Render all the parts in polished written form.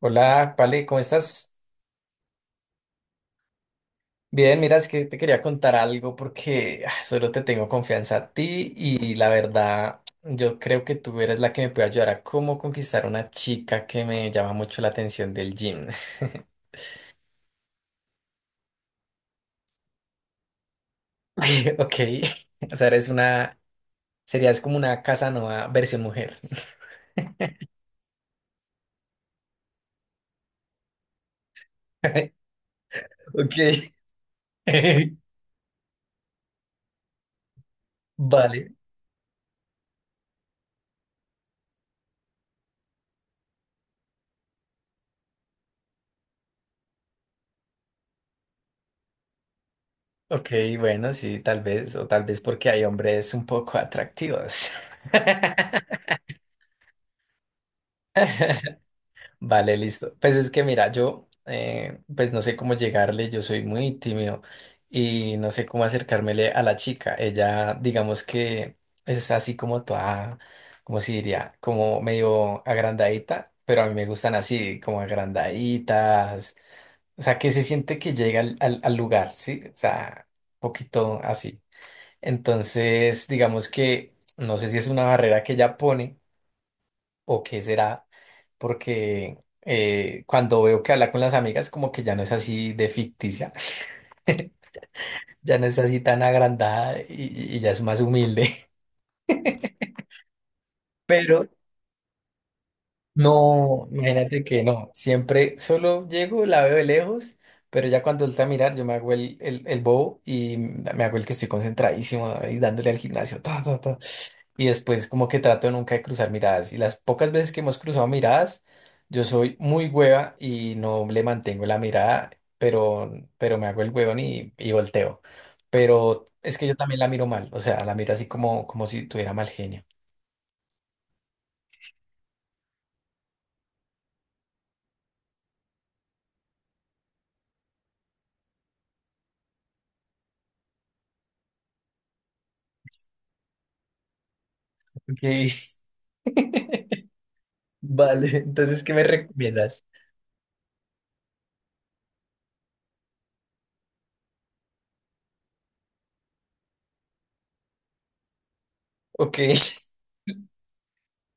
Hola, Pale, ¿cómo estás? Bien, mira, es que te quería contar algo porque solo te tengo confianza a ti y la verdad, yo creo que tú eres la que me puede ayudar a cómo conquistar una chica que me llama mucho la atención del gym. Ay, ok. O sea, eres una, serías como una Casanova versión mujer. Ok. Vale. Ok, bueno, sí, tal vez, o tal vez porque hay hombres un poco atractivos. Vale, listo. Pues es que mira, yo pues no sé cómo llegarle, yo soy muy tímido y no sé cómo acercármele a la chica. Ella, digamos que es así como toda, como si diría, como medio agrandadita, pero a mí me gustan así, como agrandaditas. O sea, que se siente que llega al lugar, ¿sí? O sea, un poquito así. Entonces, digamos que no sé si es una barrera que ella pone, ¿o qué será? Porque cuando veo que habla con las amigas, como que ya no es así de ficticia, ya no es así tan agrandada y ya es más humilde. Pero no, imagínate que no, siempre solo llego, la veo de lejos, pero ya cuando está a mirar, yo me hago el bobo y me hago el que estoy concentradísimo y dándole al gimnasio. Ta, ta, ta. Y después como que trato nunca de cruzar miradas. Y las pocas veces que hemos cruzado miradas, yo soy muy hueva y no le mantengo la mirada, pero, pero me hago el huevón y volteo. Pero es que yo también la miro mal, o sea, la miro así como, como si tuviera mal genio. Ok. Vale, entonces, ¿qué me recomiendas? Ok.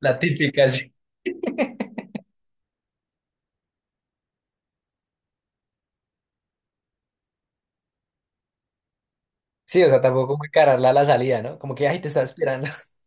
La típica, sí. Sí, o sea, tampoco como encararla a la salida, ¿no? Como que, ay, te estaba esperando.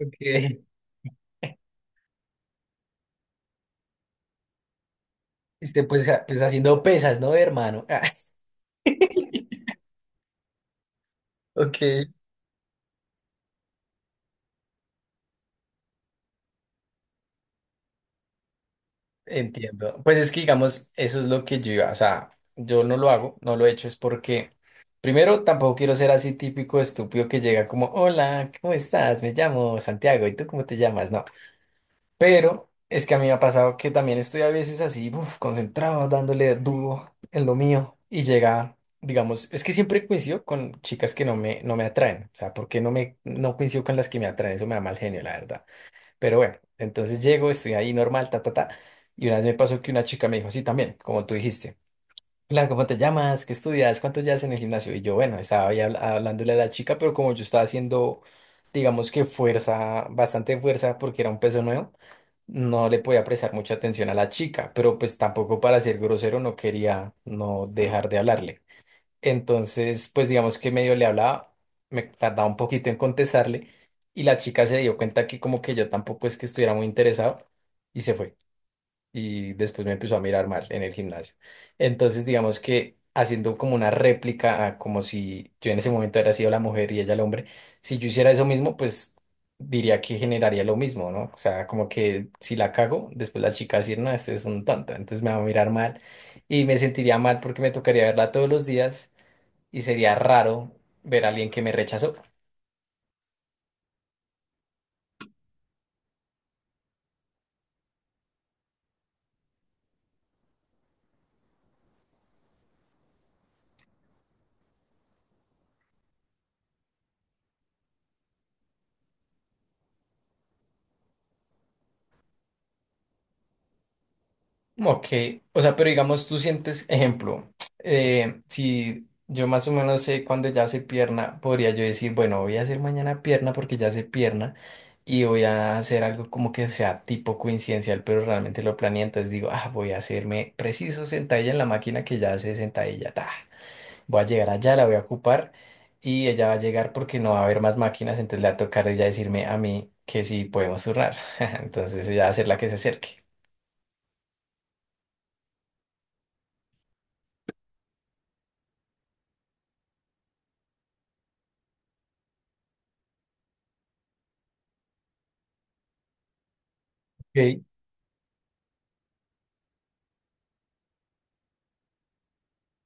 Ok. Este, pues, pues haciendo pesas, ¿no, hermano? Ah, ok. Entiendo. Pues es que, digamos, eso es lo que yo iba, o sea, yo no lo hago, no lo he hecho, es porque, primero, tampoco quiero ser así típico estúpido que llega como, hola, ¿cómo estás? Me llamo Santiago, ¿y tú cómo te llamas? No, pero es que a mí me ha pasado que también estoy a veces así, uf, concentrado, dándole duro en lo mío, y llega, digamos, es que siempre coincido con chicas que no me atraen, o sea, porque no me, no coincido con las que me atraen, eso me da mal genio, la verdad. Pero bueno, entonces llego, estoy ahí normal, ta, ta, ta. Y una vez me pasó que una chica me dijo, sí, también, como tú dijiste. Claro, ¿cómo te llamas? ¿Qué estudias? ¿Cuánto llevas en el gimnasio? Y yo, bueno, estaba ahí hablándole a la chica, pero como yo estaba haciendo, digamos que fuerza, bastante fuerza, porque era un peso nuevo, no le podía prestar mucha atención a la chica, pero pues tampoco para ser grosero no quería no dejar de hablarle. Entonces, pues digamos que medio le hablaba, me tardaba un poquito en contestarle y la chica se dio cuenta que como que yo tampoco es que estuviera muy interesado y se fue. Y después me empezó a mirar mal en el gimnasio. Entonces, digamos que haciendo como una réplica, a como si yo en ese momento hubiera sido la mujer y ella el hombre, si yo hiciera eso mismo, pues diría que generaría lo mismo, ¿no? O sea, como que si la cago, después la chica va a decir, no, este es un tonto, entonces me va a mirar mal y me sentiría mal porque me tocaría verla todos los días y sería raro ver a alguien que me rechazó. Como que, o sea, pero digamos, tú sientes, ejemplo, si yo más o menos sé cuándo ya hace pierna, podría yo decir, bueno, voy a hacer mañana pierna porque ya hace pierna y voy a hacer algo como que sea tipo coincidencial, pero realmente lo planeé, entonces digo, ah, voy a hacerme preciso sentadilla en la máquina que ya hace sentadilla, ta. Voy a llegar allá, la voy a ocupar y ella va a llegar porque no va a haber más máquinas, entonces le va a tocar a ella decirme a mí que sí podemos turnar. Entonces ella va a ser la que se acerque. Ok.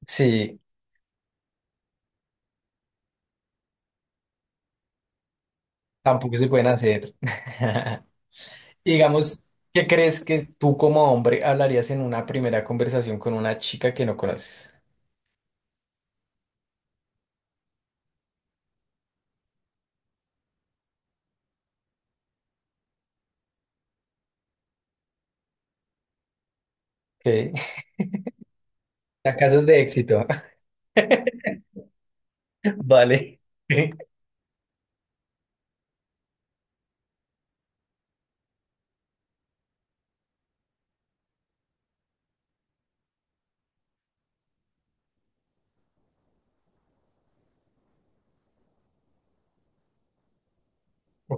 Sí, tampoco se pueden hacer. Y digamos, ¿qué crees que tú como hombre hablarías en una primera conversación con una chica que no conoces? Ok. A casos de éxito. Vale.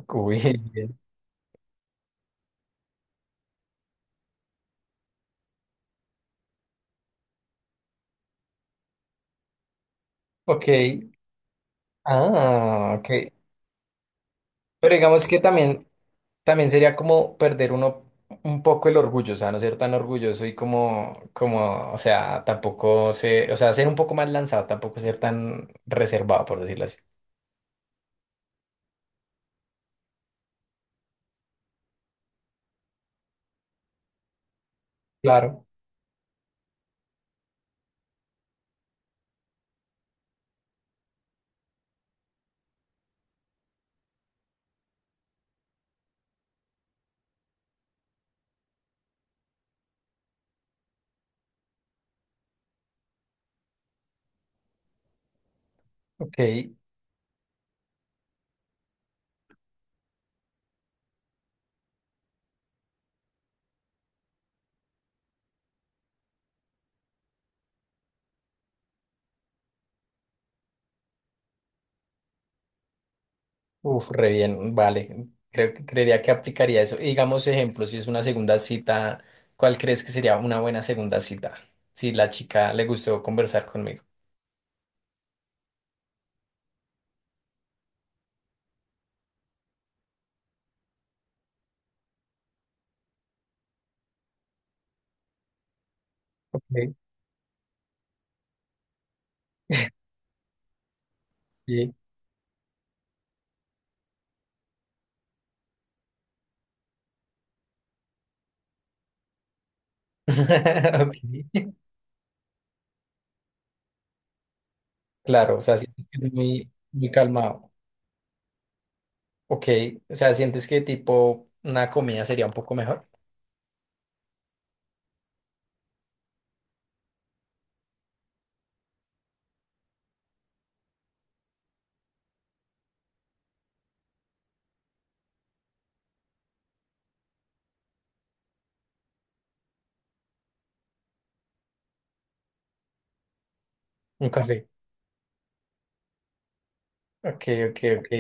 Uy, bien. Ok. Ah, ok. Pero digamos que también también sería como perder uno un poco el orgullo, o sea, no ser tan orgulloso y como, como, o sea, tampoco ser, o sea, ser un poco más lanzado, tampoco ser tan reservado, por decirlo así. Claro. Ok, uf, re bien, vale. Creo que creería que aplicaría eso. Y digamos, ejemplo, si es una segunda cita, ¿cuál crees que sería una buena segunda cita? Si la chica le gustó conversar conmigo. Ok. Sí. Ok, claro, o sea, sí, es muy, muy calmado. Ok, o sea, ¿sientes que tipo una comida sería un poco mejor? Un café. Ok, ok, ok.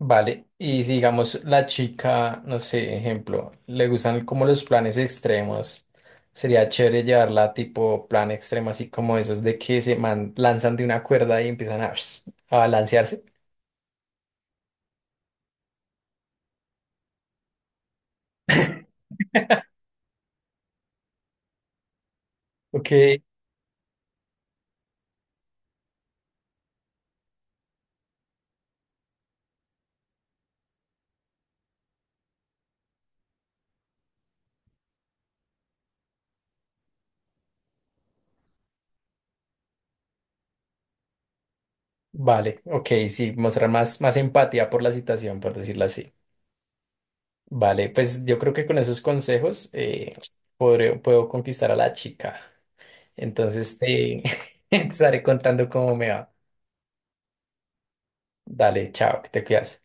Vale. Y si digamos la chica, no sé, ejemplo, le gustan como los planes extremos, sería chévere llevarla tipo plan extremo, así como esos de que se lanzan de una cuerda y empiezan a balancearse. Ok, vale, ok, sí, mostrar más, más empatía por la situación, por decirlo así. Vale, pues yo creo que con esos consejos puedo conquistar a la chica. Entonces te, te estaré contando cómo me va. Dale, chao, que te cuidas.